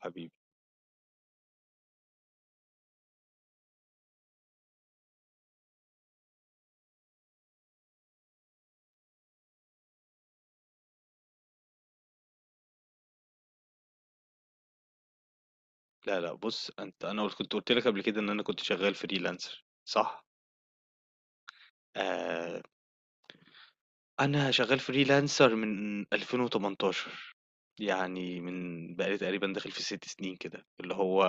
حبيبي، لا لا، بُص أنت، أنا كنت قُلت لك قبل كده إن أنا كنت شغال freelancer، صح؟ آآ، أنا شغال freelancer من 2018، يعني من بقى لي تقريبًا داخل في 6 سنين كده، اللي هو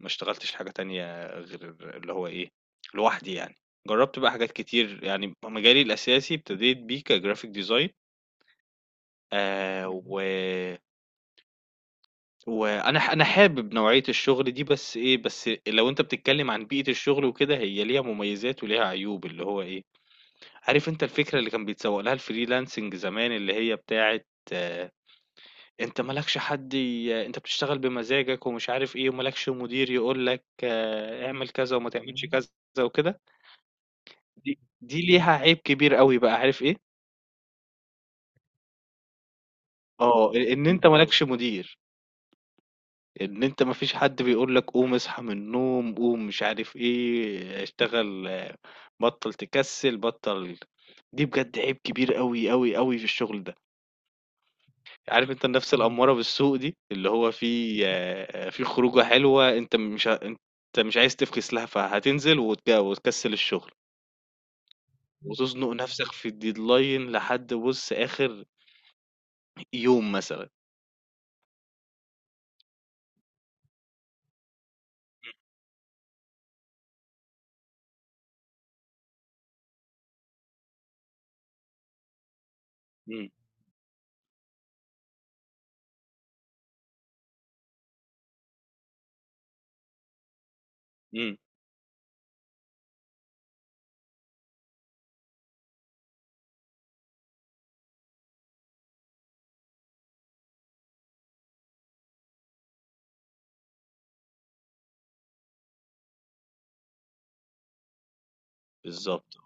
ما اشتغلتش حاجة تانية غير اللي هو إيه، لوحدي يعني. جرّبت بقى حاجات كتير، يعني مجالي الأساسي ابتديت بيه كgraphic design. اهم. و وأنا ح أنا حابب نوعية الشغل دي، بس لو أنت بتتكلم عن بيئة الشغل وكده، هي ليها مميزات وليها عيوب، اللي هو إيه، عارف أنت الفكرة اللي كان بيتسوّق لها الfreelancing زمان، اللي هي بتاعة آه، أنت ما لكش حد أنت بتشتغل بمزاجك ومش عارف إيه، وما لكش مدير يقول لك اعمل كذا وما تعملش كذا وكده. دي ليها عيب كبير أوي بقى، عارف إيه؟ إن أنت ما لكش مدير. إن أنت ما فيش حد بيقول لك قوم اصحى من النوم، قوم مش عارف إيه، اشتغل، بطّل تكسّل، دي بجد عيب كبير أوي، أوي، أوي في الشغل ده. عارف أنت النَفْس الأمّارة بالسوء دي، اللي هو في خروجة حلوة، أنت مش عايز تفكس لها، فهتنزل وت وتكسّل الشغل، وتزنُق نَفْسك في الdeadline لحد، بُص، آخر يوم مثلًا. إمم، إمم، بالضبط.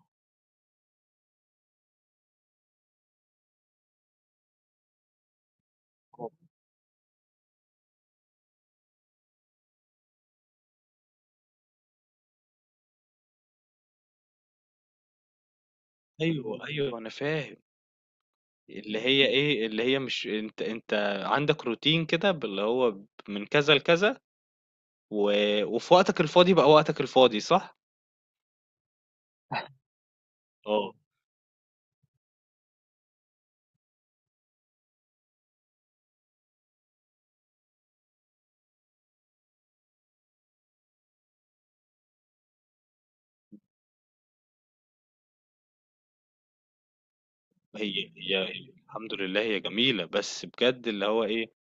أيوه، أيوه، أنا فاهم. اللي هي إيه، اللي هي مش أنت عندك روتين كده اللي هو من كذا لكذا، و وفي وقتك الفاضي بقى وقتك الفاضي، صح؟ آه، هي. الحمد لله هي جميلة، بس بجد اللي هو إيه،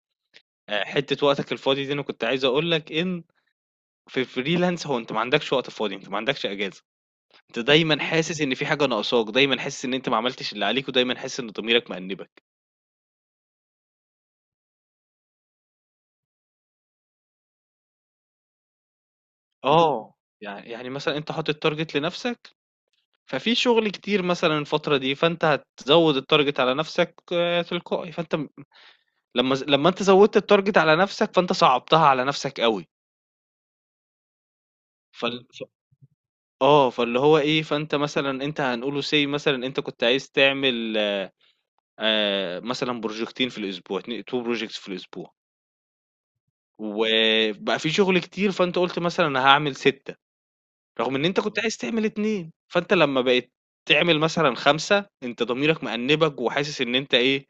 حتّة وقتك الفاضي دي أنا كنت عايز أقول لك إن في الfreelance هو أنت ما عندكش وقت فاضي، أنت ما عندكش إجازة، أنت دايمًا حاسس إن في حاجة ناقصاك، دايمًا حاسس إن أنت ما عملتش اللي عليك، ودايمًا حاسس إن ضميرك مأنبك. آه، يعني مثلًا أنت حاطط target لنفسك، ففي شغل كتير مثلًا الفترة دي، فأنت هتزوّد الtarget على نَفْسك تلقائي، فأنت م لمّا أنت زوّدت الtarget على نَفْسك، فأنت صعّبتها على نَفْسك أوي. فال ف آه، فاللي هو إيه، فأنت مثلًا هنقوله say مثلًا أنت كنت عايز تعمل مثلًا بروجيكتين في الأسبوع، 2 projects في الأسبوع، وبقى في شغل كتير، فأنت قُلت مثلًا أنا هاعمل 6، رغم إن أنت كنت عايز تعمل 2. فأنت لمّا بقيت تعمل مثلًا 5، أنت ضميرك مأنِّبك وحاسس إن أنت إيه،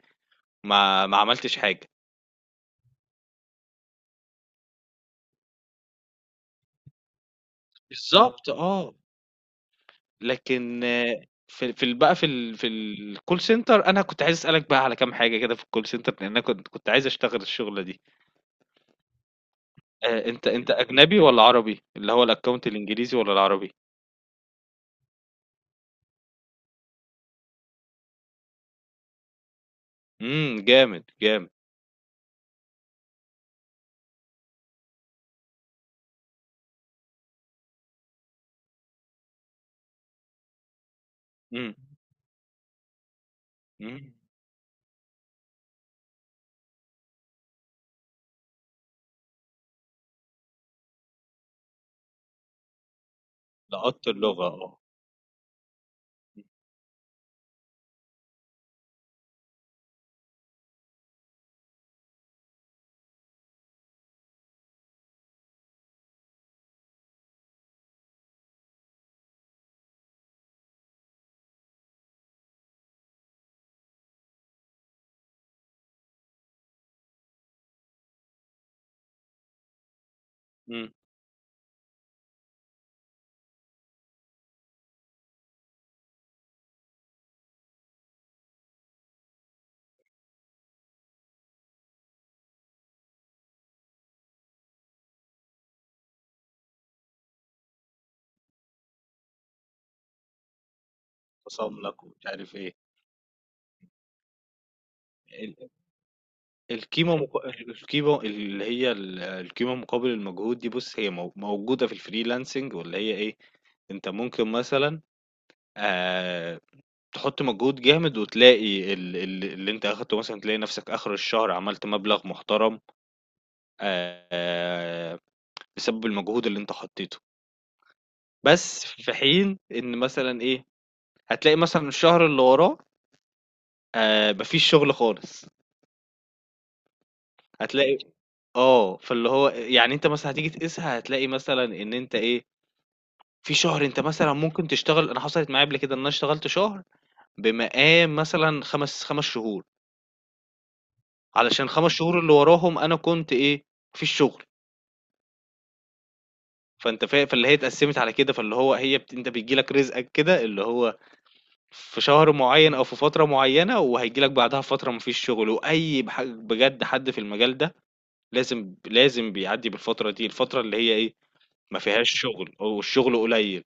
ما عملتش حاجة. بالضبط آه. لكن، في في ال بقى في ال في الcall center أنا كنت عايز أسألك بقى على كام حاجة كده في الcall center، لأن أنا كنت عايز أشتغل الشغلة دي. أنت أجنبي والّا عربي؟ اللي هو الaccount الإنجليزي والّا العربي؟ إمم، جامد، جامد. إمم، إمم، لقطت اللغة. إمم. وصاملك ومش عارف إيه. القيمة مق... القيمة اللي هي ال- القيمة مقابل المجهود دي، بُص، هي موجودة في الfreelancing، واللي هي إيه، أنت ممكن مثلًا، آآ، تحط مجهود جامد وتلاقي ال اللي أنت أخدته، مثلًا تلاقي نفسك آخر الشهر عملت مبلغ محترم، آآ، بسبب المجهود اللي أنت حطيته. بس في حين إن مثلًا إيه، هتلاقي مثلًا الشهر اللي وراه ما فيش شغل خالص، هتلاقي، فاللي هو يعني أنت مثلًا هتيجي تقيسها، هتلاقي مثلًا إن أنت إيه، في شهر أنت مثلًا ممكن تشتغل. أنا حصلت معايا قبل كده إن أنا اشتغلت شهر بمقام مثلًا 5 شهور، علشان ال5 شهور اللي وراهم أنا كنت إيه، ما فيش شغل. فأنت فا فاللي هي اتقسّمت على كده، فاللي هو هي بت، أنت بييجي لك رزقك كده، اللي هو في شهر معيّن أو في فترة معيّنة، وهييجي لك بعدها فترة ما فيش شغل، وأي بح بجد حد في المجال ده لازم، لازم بيعدّي بالفترة دي، الفترة اللي هي إيه، ما فيهاش شغل والشغل قليل.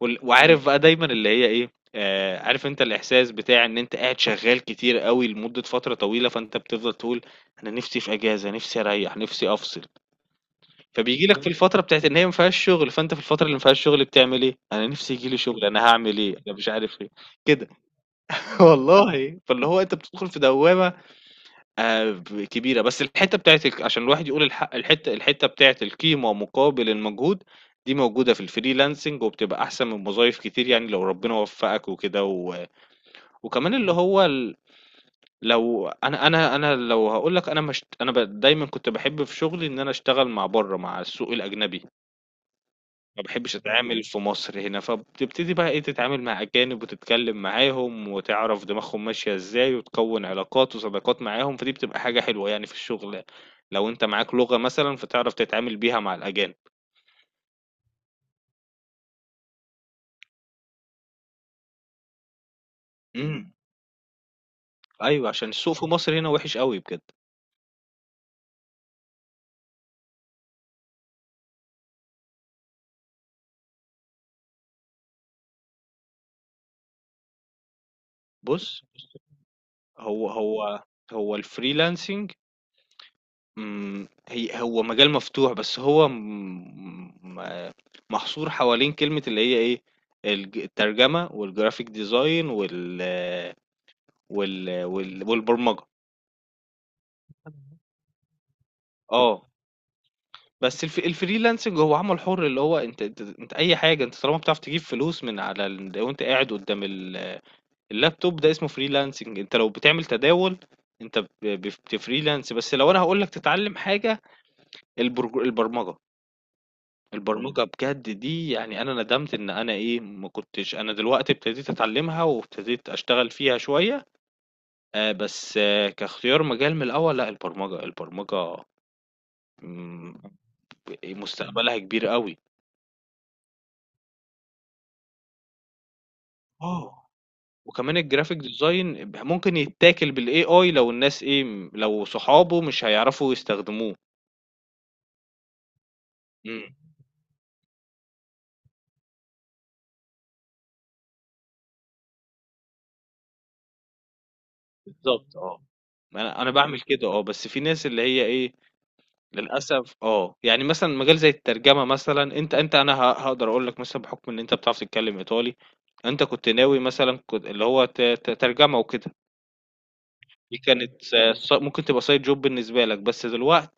وعارف بقى دايما اللي هي ايه، عارف انت الاحساس بتاع ان انت قاعد شغال كتير قوي لمدة فترة طويلة، فانت بتفضل تقول انا نفسي في اجازة، نفسي اريح نفسي افصل. فبيجي لك في الفترة بتاعت ان هي ما فيهاش شغل، فانت في الفترة اللي ما فيهاش شغل بتعمل ايه؟ انا نفسي يجي لي شغل، انا هعمل ايه، انا مش عارف ايه كده. والله فاللي هو انت بتدخل في دوامة ب كبيرة. بس الحتّة بتاعة عشان الواحد يقول الحق، الحتّة بتاعة القيمة مقابل المجهود، دي موجودة في الfreelancing، وبتبقى أحسن من وظايف كتير، يعني لو ربنا وفّقك وكده. وكمان اللي هو ال لو هاقول لك، أنا ما اشت أنا ب دايمًا كنت باحب في شغلي إن أنا أشتغل مع برّه، مع السوق الأجنبي. ما باحبش أتعامل في مصر هنا، فبتبتدي بقى إيه، تتعامل مع أجانب وتتكلّم معاهم وتعرف دماغهم ماشية إزاي، وتكوّن علاقات وصداقات معاهم، فدي بتبقى حاجة حلوة يعني في الشغل، يعني. لو أنت معاك لغة مثلًا، فتعرف تتعامل بيها مع الأجانب. إمم، أيوه، عشان السوق في مصر هنا وِحِش أوي بجد. بُص، هو هو هو الfreelancing، هو مجال مفتوح، بس هو م م محصور حوالين كلمة اللي هي إيه، الترجمة والgraphic design والبرمجة. آه، بس الfreelancing هو عمل حُر، اللي هو أنت، أنت أي حاجة، أنت طالما بتعرف تجيب فلوس من على وأنت قاعد قدّام اللابتوب ده، اسمه freelancing. أنت لو بتعمل تداول، أنت ب بف بتfreelance. بس لو أنا هاقول لك تتعلم حاجة، البرمجة. البرمجة بجد دي، يعني أنا ندمت إن أنا إيه، ما كنتش. أنا دلوقتي ابتديت أتعلمها وابتديت أشتغل فيها شوية، بس كاختيار مجال من الأول، لا، البرمجة البرمجة. مم، مستقبلها كبير قوي. اه، وكمان الجرافيك ديزاين ممكن يتاكل بالاي اي لو الناس ايه، لو صحابه مش هيعرفوا يستخدموه. امم، بالظبط. اه، انا بعمل كده. اه، بس في ناس اللي هي ايه، للأسف، يعني مثلًا مجال زي الترجمة مثلًا، أنت أنت أنا ه هاقدر أقول لك مثلًا، بحكم إن أنت بتعرف تتكلم إيطالي، أنت كنت ناوي مثلًا، كنت اللي هو ت ت ترجمة وكده، دي كانت س- ص ممكن تبقى side job بالنسبة لك. بس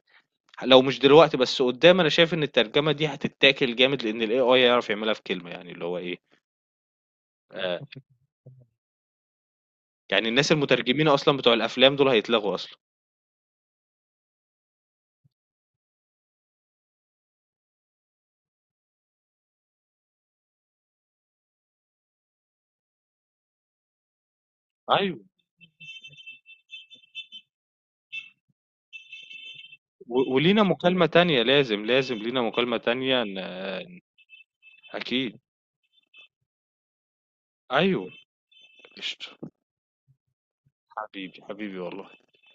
لو مش دلوقتي، بس قدّام أنا شايف إن الترجمة دي هتتاكل جامد، لإن الAI هيعرف يعملها في كلمة، يعني اللي هو إيه، آآ، يعني الناس المترجمين أصلًا بتوع الأفلام دول هيتلغوا أصلًا. أيوه، و ولينا مكالمة تانية لازم، لازم لينا مكالمة تانية أكيد، أيوه، قشطة. حبيبي حبيبي والله